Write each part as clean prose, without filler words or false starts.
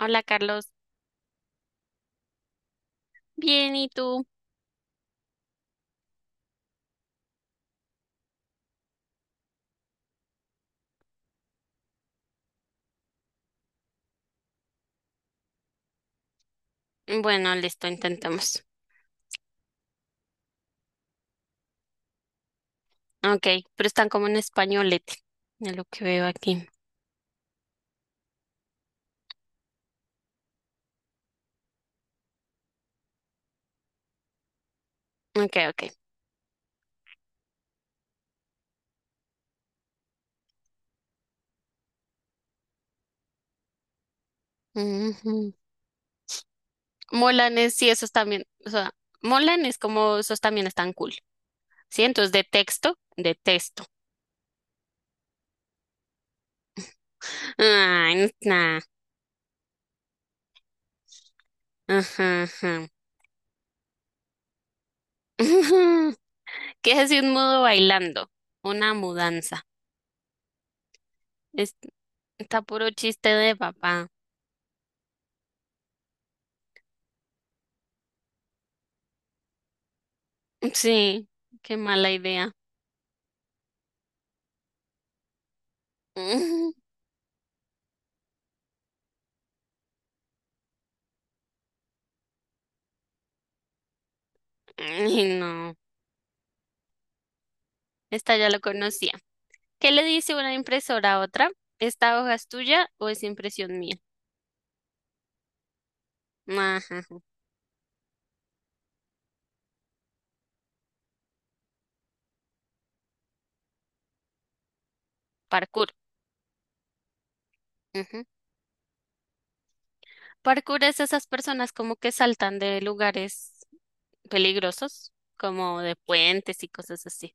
Hola, Carlos. Bien, ¿y tú? Bueno, listo, intentamos. Ok, pero están como en españolete, de lo que veo aquí. Ok, ok. Ujú. Molanes, sí, esos también, o sea, molanes como esos también están cool. Sí, entonces de texto, de texto. Ay, nah. Ajá, ajá. Ujú. ¿Qué es así? ¿Un mudo bailando? Una mudanza. Es- Está puro chiste de papá. Sí, qué mala idea. Ujú. Ay, no. Esta ya lo conocía. ¿Qué le dice una impresora a otra? ¿Esta hoja es tuya o es impresión mía? Ajá, ajá. Parkour. Ujú. Parkour es esas personas como que saltan de lugares peligrosos, como de puentes y cosas así.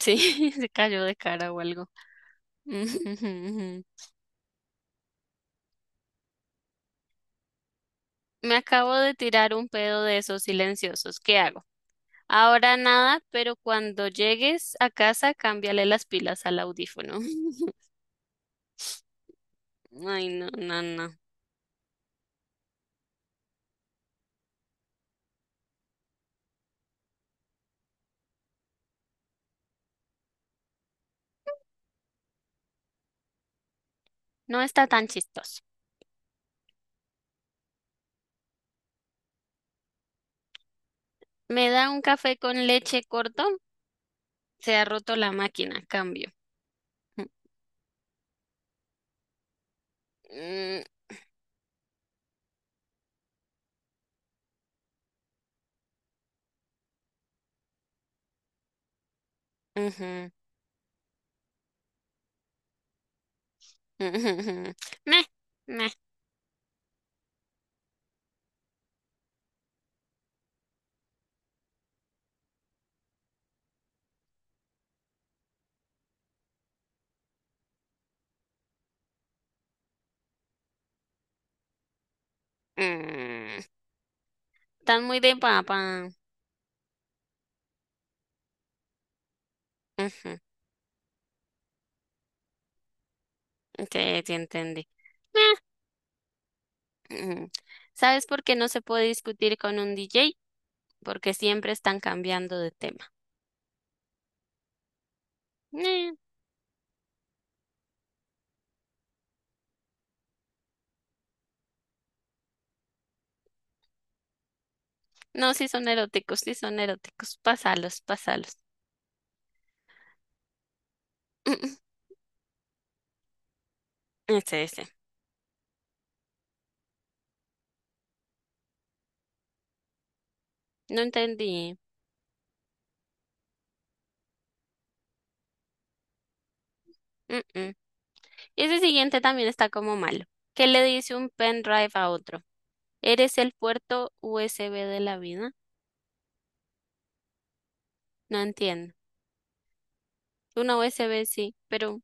Sí, se cayó de cara o algo. Ujú, ujú, ujú. Me acabo de tirar un pedo de esos silenciosos. ¿Qué hago? Ahora nada, pero cuando llegues a casa, cámbiale las pilas al audífono. Ay, no, no, no. No está tan chistoso. Me da un café con leche corto. Se ha roto la máquina. Cambio. Mm, ujú, ujú. Meh, meh, mm. Están muy de papá. Ujú, sí, sí entendí. Meh, ujú. ¿Sabes por qué no se puede discutir con un DJ? Porque siempre están cambiando de tema. Eh, No, sí son eróticos, sí son eróticos. Pásalos, pásalos. Mm, mm. Ese, ese. No entendí. Mm, mm. Ese siguiente también está como malo. ¿Qué le dice un pendrive a otro? ¿Eres el puerto USB de la vida? No entiendo. Una USB sí,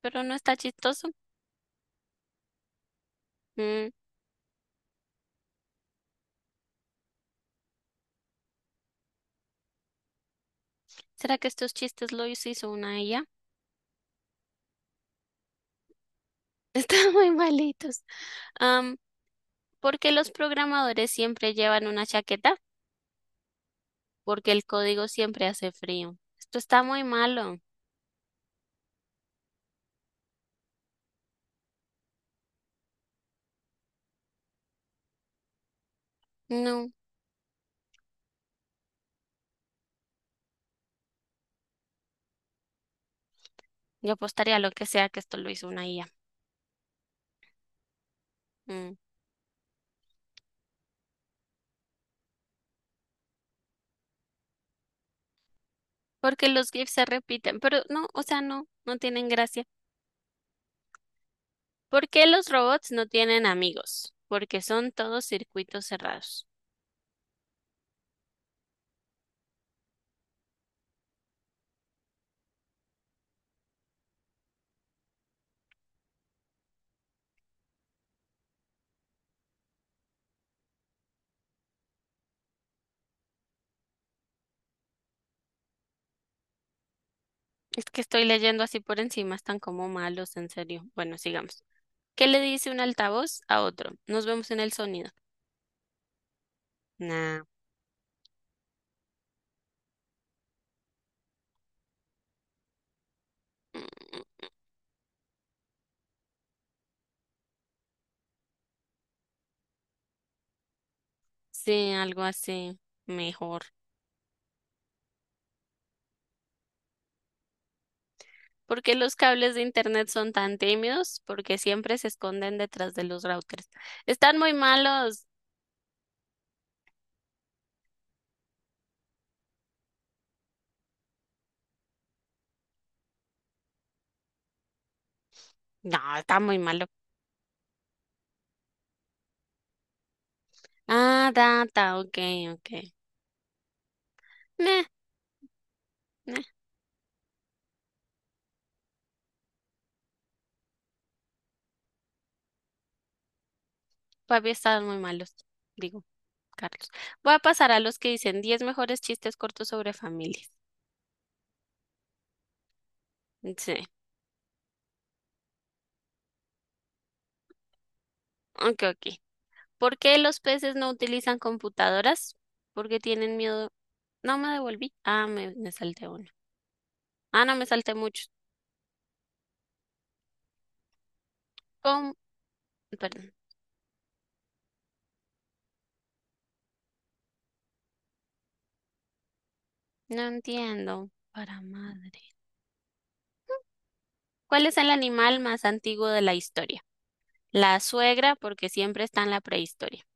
pero no está chistoso. Mm, ¿Será que estos chistes los hizo una ella? Están muy malitos. Am, ¿Por qué los programadores siempre llevan una chaqueta? Porque el código siempre hace frío. Esto está muy malo. No, yo apostaría a lo que sea que esto lo hizo una IA. Mm, Porque los GIFs se repiten, pero no, o sea, no, no tienen gracia. ¿Por qué los robots no tienen amigos? Porque son todos circuitos cerrados. Es que estoy leyendo así por encima, están como malos, en serio. Bueno, sigamos. ¿Qué le dice un altavoz a otro? Nos vemos en el sonido. Nah. Mm, Sí, algo así. Mejor. ¿Por qué los cables de internet son tan tímidos? Porque siempre se esconden detrás de los routers. Están muy malos. No, está muy malo. Ah, data, ok, ok. Nah, nah, todavía están muy malos. Digo, Carlos, voy a pasar a los que dicen 10 mejores chistes cortos sobre familias. Sí, ok, ok. ¿Por qué los peces no utilizan computadoras? Porque tienen miedo. No me devolví. Ah, me salté uno. Ah, no, me salté muchos. Com- Perdón. No entiendo. Para madre. ¿Cuál es el animal más antiguo de la historia? La suegra, porque siempre está en la prehistoria.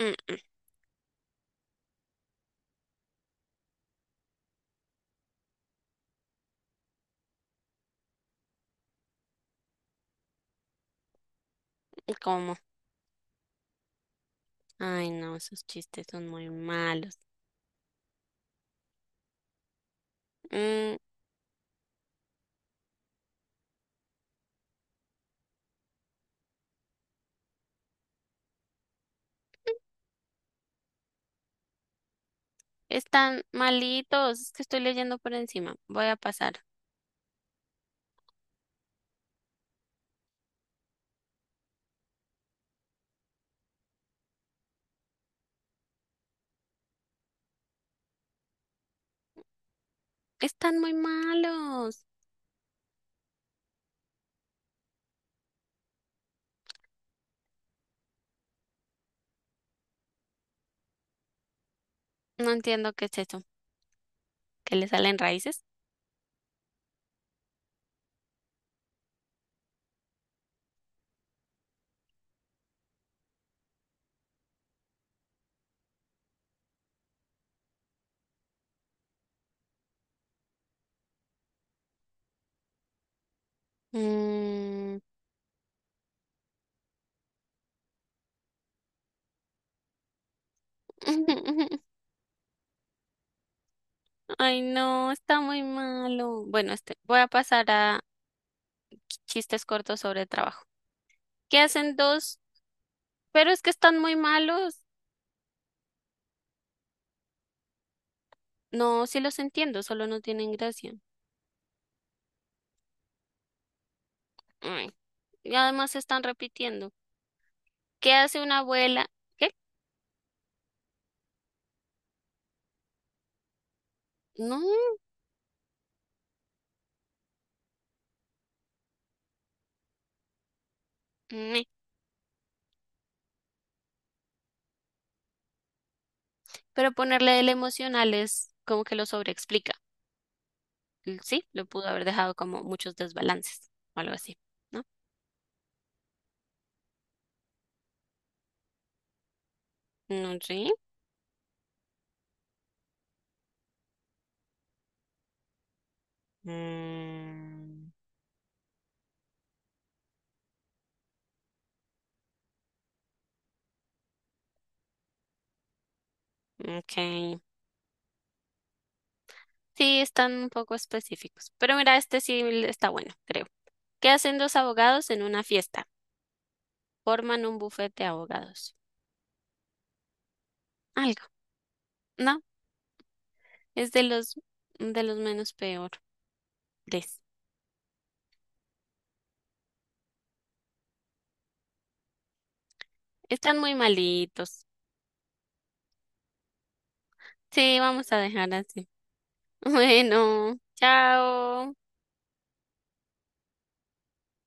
Mm, mm. ¿Cómo? Ay, no, esos chistes son muy malos. Mm. Están malitos, es que estoy leyendo por encima. Voy a pasar. Están muy malos. No entiendo qué es eso. ¿Que le salen raíces? Mm. Ay, no, está muy malo. Bueno, este, voy a pasar a chistes cortos sobre trabajo. ¿Qué hacen dos? Pero es que están muy malos. No, sí los entiendo, solo no tienen gracia. Ay, y además se están repitiendo. ¿Qué hace una abuela? ¿Qué? No. Pero ponerle el emocional es como que lo sobreexplica. Y sí, lo pudo haber dejado como muchos desbalances o algo así, ¿no? No, sí, ok. Sí, están un poco específicos. Pero mira, este sí está bueno, creo. ¿Qué hacen dos abogados en una fiesta? Forman un bufete de abogados. Algo, ¿no? Es de los menos peores. Están muy malitos. Sí, vamos a dejar así. Bueno, chao.